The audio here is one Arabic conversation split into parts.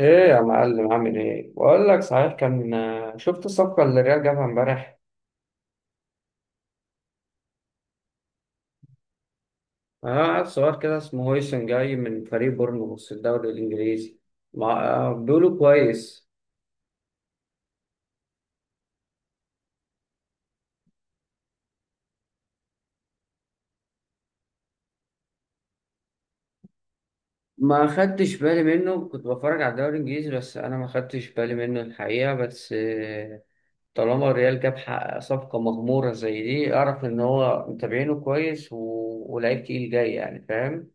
ايه، يا معلم، عامل ايه؟ بقول لك، صحيح كان شفت الصفقه اللي الريال جابها امبارح؟ اه، عيل صغير كده، اسمه هويسن، جاي من فريق بورنموث في الدوري الانجليزي. ما آه، بيقولوا كويس. ما خدتش بالي منه، كنت بتفرج على الدوري الانجليزي بس انا ما خدتش بالي منه الحقيقه، بس آه، طالما الريال جاب صفقه مغموره زي دي، اعرف ان هو متابعينه كويس، ولعيب تقيل جاي، يعني فاهم.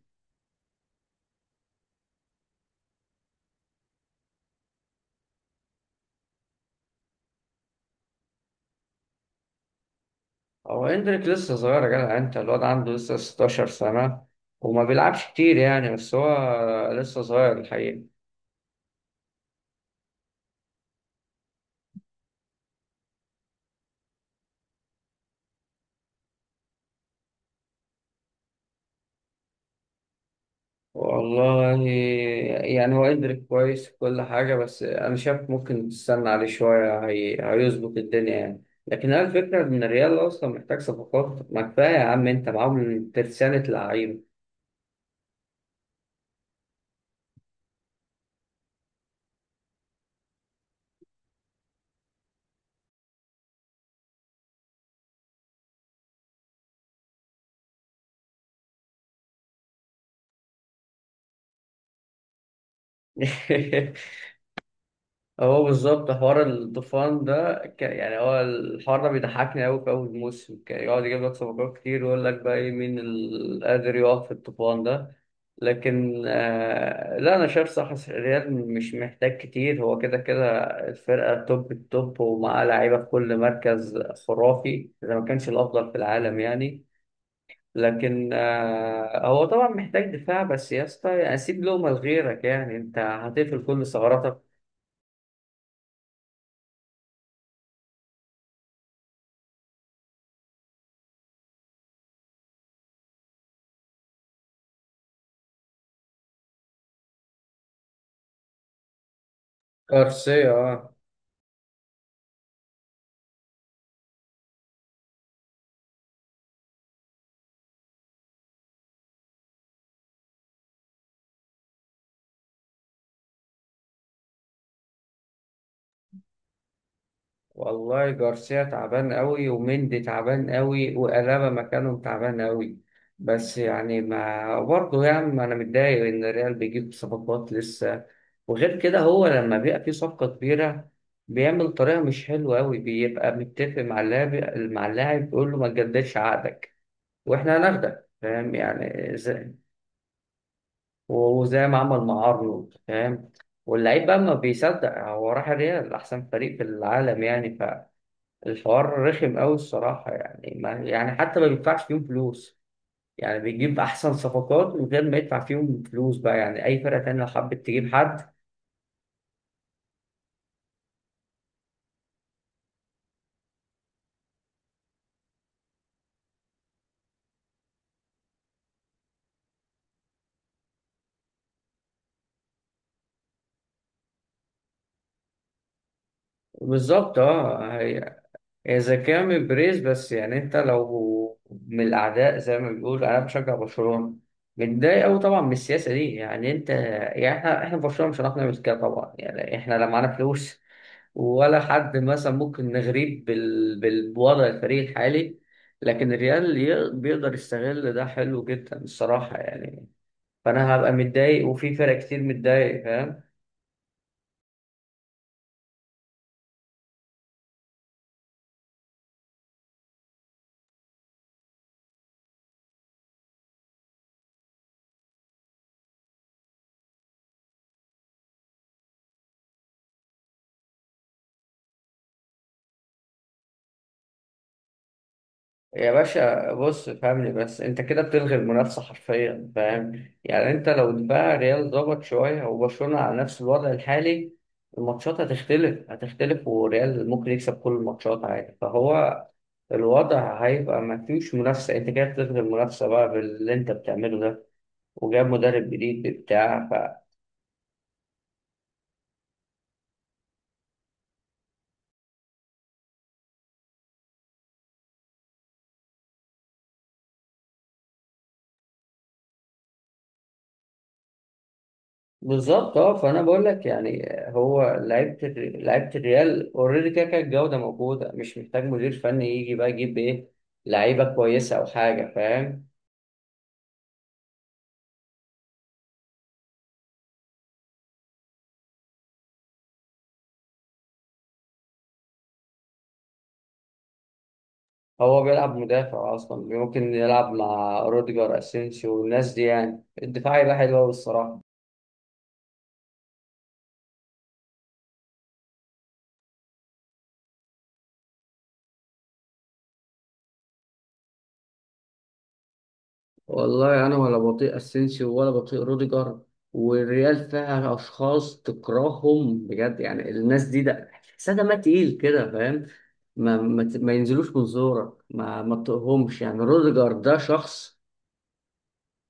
هو اندريك لسه صغير يا جدع، انت الواد عنده لسه 16 سنة وما بيلعبش كتير يعني، بس هو لسه صغير الحقيقة. والله، يعني هو اندريك كويس في كل حاجة، بس انا شايف ممكن تستنى عليه شوية، هيظبط الدنيا يعني. لكن هي الفكرة ان الريال اصلا محتاج صفقات، ما كفايه يا عم، انت معاهم ترسانة لعيبة. هو بالظبط حوار الطوفان ده يعني، هو الحوار ده بيضحكني أوي، في أول موسم كان يقعد يجيب لك صفقات كتير ويقول لك بقى إيه؟ مين اللي قادر يقف في الطوفان ده؟ لكن لا، أنا شايف صح، الريال مش محتاج كتير، هو كده كده الفرقة توب التوب ومعاه لعيبة في كل مركز، خرافي، إذا ما كانش الأفضل في العالم يعني. لكن هو طبعا محتاج دفاع بس يا اسطى، يعني سيب لهم لغيرك يعني، أنت هتقفل كل ثغراتك. كارسيا، اه. والله، جارسيا تعبان قوي، ومندي تعبان قوي، وألابا مكانهم تعبان قوي. بس يعني، ما برضه يعني، ما انا متضايق ان الريال بيجيب صفقات لسه. وغير كده، هو لما بيبقى فيه صفقة كبيرة بيعمل طريقة مش حلوة قوي، بيبقى متفق مع اللاعب، بيقول له ما تجددش عقدك واحنا هناخدك، فاهم يعني، وزي ما عمل مع ارنولد، فاهم؟ واللعيب بقى ما بيصدق، هو راح الريال، احسن فريق في العالم يعني. الحوار رخم قوي الصراحة يعني، ما يعني حتى ما بيدفعش فيهم فلوس، يعني بيجيب أحسن صفقات من غير ما يدفع فيهم فلوس بقى، يعني أي فرقة تانية لو حبت تجيب حد. بالظبط، اه. إذا كان من بريز، بس يعني أنت لو من الأعداء، زي ما بيقول، أنا بشجع برشلونة، متضايق أوي طبعا من السياسة دي، يعني أنت يعني، إحنا في برشلونة مش هنعرف نعمل كده طبعا، يعني إحنا لا معانا فلوس ولا حد مثلا ممكن نغريب بوضع الفريق الحالي. لكن الريال بيقدر يستغل ده، حلو جدا الصراحة يعني. فأنا هبقى متضايق، وفي فرق كتير متضايق، فاهم. يا باشا بص، فهمني بس، انت كده بتلغي المنافسه حرفيا، فاهم يعني، انت لو بقى ريال ضغط شويه وبرشلونه على نفس الوضع الحالي، الماتشات هتختلف، هتختلف، وريال ممكن يكسب كل الماتشات عادي، فهو الوضع هيبقى ما فيش منافسه، انت كده بتلغي المنافسه بقى باللي انت بتعمله ده. وجاب مدرب جديد بتاع. بالظبط، اه، فانا بقول لك يعني، هو لعيبه الريال اوريدي كده كده الجوده موجوده، مش محتاج مدير فني يجي بقى يجيب ايه؟ لعيبه كويسه او حاجه، فاهم. هو بيلعب مدافع اصلا، ممكن يلعب مع روديجر، اسينسيو، والناس دي، يعني الدفاع يبقى حلو قوي الصراحه. والله انا ولا بطيء اسينسيو ولا بطيء روديجر، والريال فيها اشخاص تكرههم بجد يعني، الناس دي ده تحسها دمها تقيل كده، فاهم؟ ما ينزلوش من زورك، ما تطقهمش يعني، روديجر ده شخص.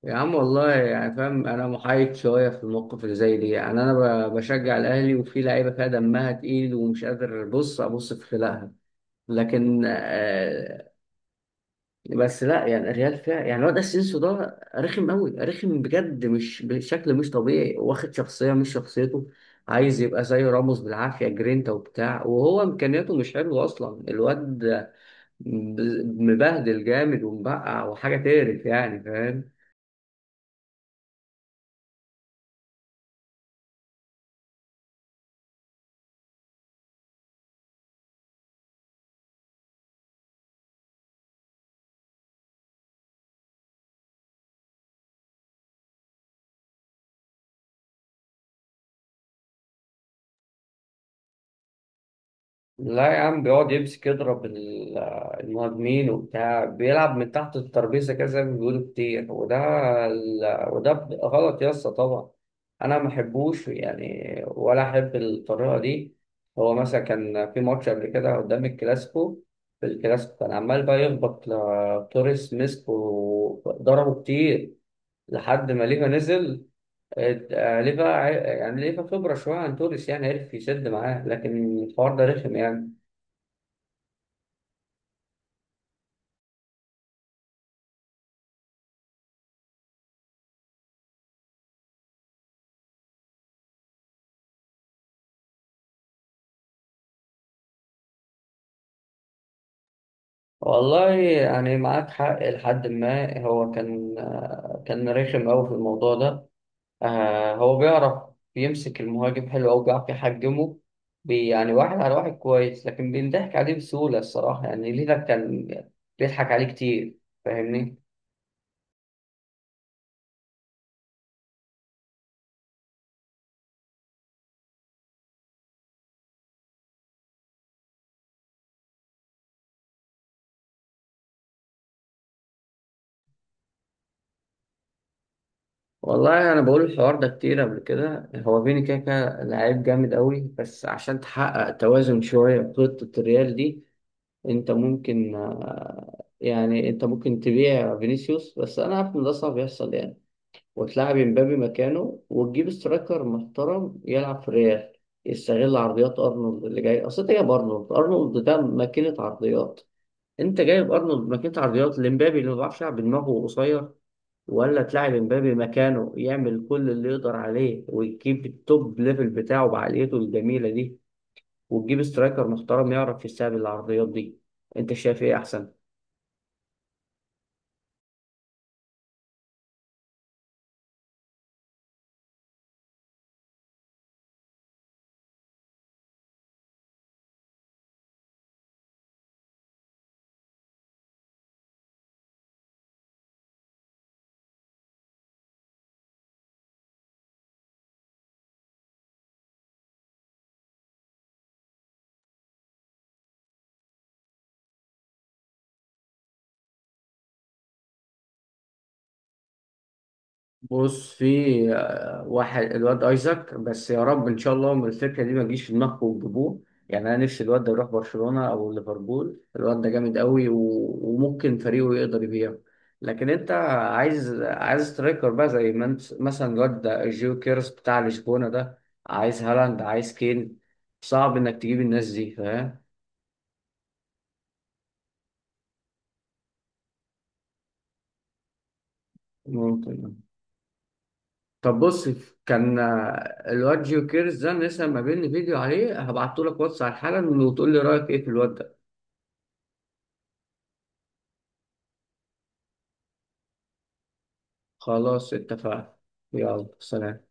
يا عم، والله يعني، فاهم، انا محايد شويه في الموقف اللي زي دي، يعني انا بشجع الاهلي، وفي لعيبه فيها دمها تقيل ومش قادر بص ابص في خلقها، لكن بس لا، يعني الريال فيها يعني الواد اسينسيو ده رخم قوي، رخم بجد، مش بشكل مش طبيعي، واخد شخصيه مش شخصيته، عايز يبقى زي راموس بالعافيه، جرينتا وبتاع، وهو امكانياته مش حلوه اصلا، الواد مبهدل جامد ومبقع، وحاجه تقرف يعني، فاهم. لا يا عم، بيقعد يمسك يضرب المهاجمين وبتاع، بيلعب من تحت الترابيزه كده زي ما بيقولوا كتير، وده غلط يا اسطى طبعا، انا ما احبوش يعني، ولا احب الطريقه دي. هو مثلا كان في ماتش قبل كده، قدام الكلاسيكو في الكلاسيكو، كان عمال بقى يخبط توريس، مسك وضربه كتير لحد ما ليفا نزل، يعني ليفا خبره شويه عن توريس، يعني عرف يسد معاه، لكن الحوار ده رخم يعني. والله يعني، معاك حق، لحد ما هو كان كان رخم أوي في الموضوع ده. هو بيعرف، بيمسك المهاجم حلو أوي، بيعرف يحجمه، يعني واحد على واحد كويس، لكن بينضحك عليه بسهولة الصراحة يعني، ليلة كان بيضحك عليه كتير، فاهمني. والله أنا بقول الحوار ده كتير قبل كده، هو فيني كده كده لعيب جامد أوي، بس عشان تحقق توازن شوية في خطة الريال دي، انت ممكن تبيع فينيسيوس، بس انا عارف ان ده صعب يحصل يعني، وتلاعب امبابي مكانه، وتجيب سترايكر محترم يلعب في الريال، يستغل عرضيات ارنولد اللي جاي، اصل انت جايب ارنولد، ارنولد ده ماكينة عرضيات، انت جايب ارنولد ماكينة عرضيات لامبابي اللي ما بيعرفش يلعب بدماغه، قصير. ولا تلاعب امبابي مكانه يعمل كل اللي يقدر عليه، ويجيب التوب ليفل بتاعه بعقليته الجميلة دي، وتجيب سترايكر محترم يعرف يستقبل العرضيات دي. انت شايف ايه احسن؟ بص، في واحد، الواد ايزاك، بس يا رب ان شاء الله من الفكره دي ما تجيش في دماغكم وتجيبوه، يعني انا نفسي الواد ده يروح برشلونه او ليفربول، الواد ده جامد قوي، وممكن فريقه يقدر يبيعه. لكن انت عايز سترايكر بقى، زي ما انت مثلا الواد ده جيو كيرس بتاع لشبونه ده، عايز هالاند، عايز كين، صعب انك تجيب الناس دي، فاهم. ممكن. طب بص، كان الواد جيو كيرز ده لسه ما بيني فيديو عليه، هبعته لك واتس على حالا وتقول لي رايك ايه في الواد ده. خلاص، اتفقنا. يلا سلام.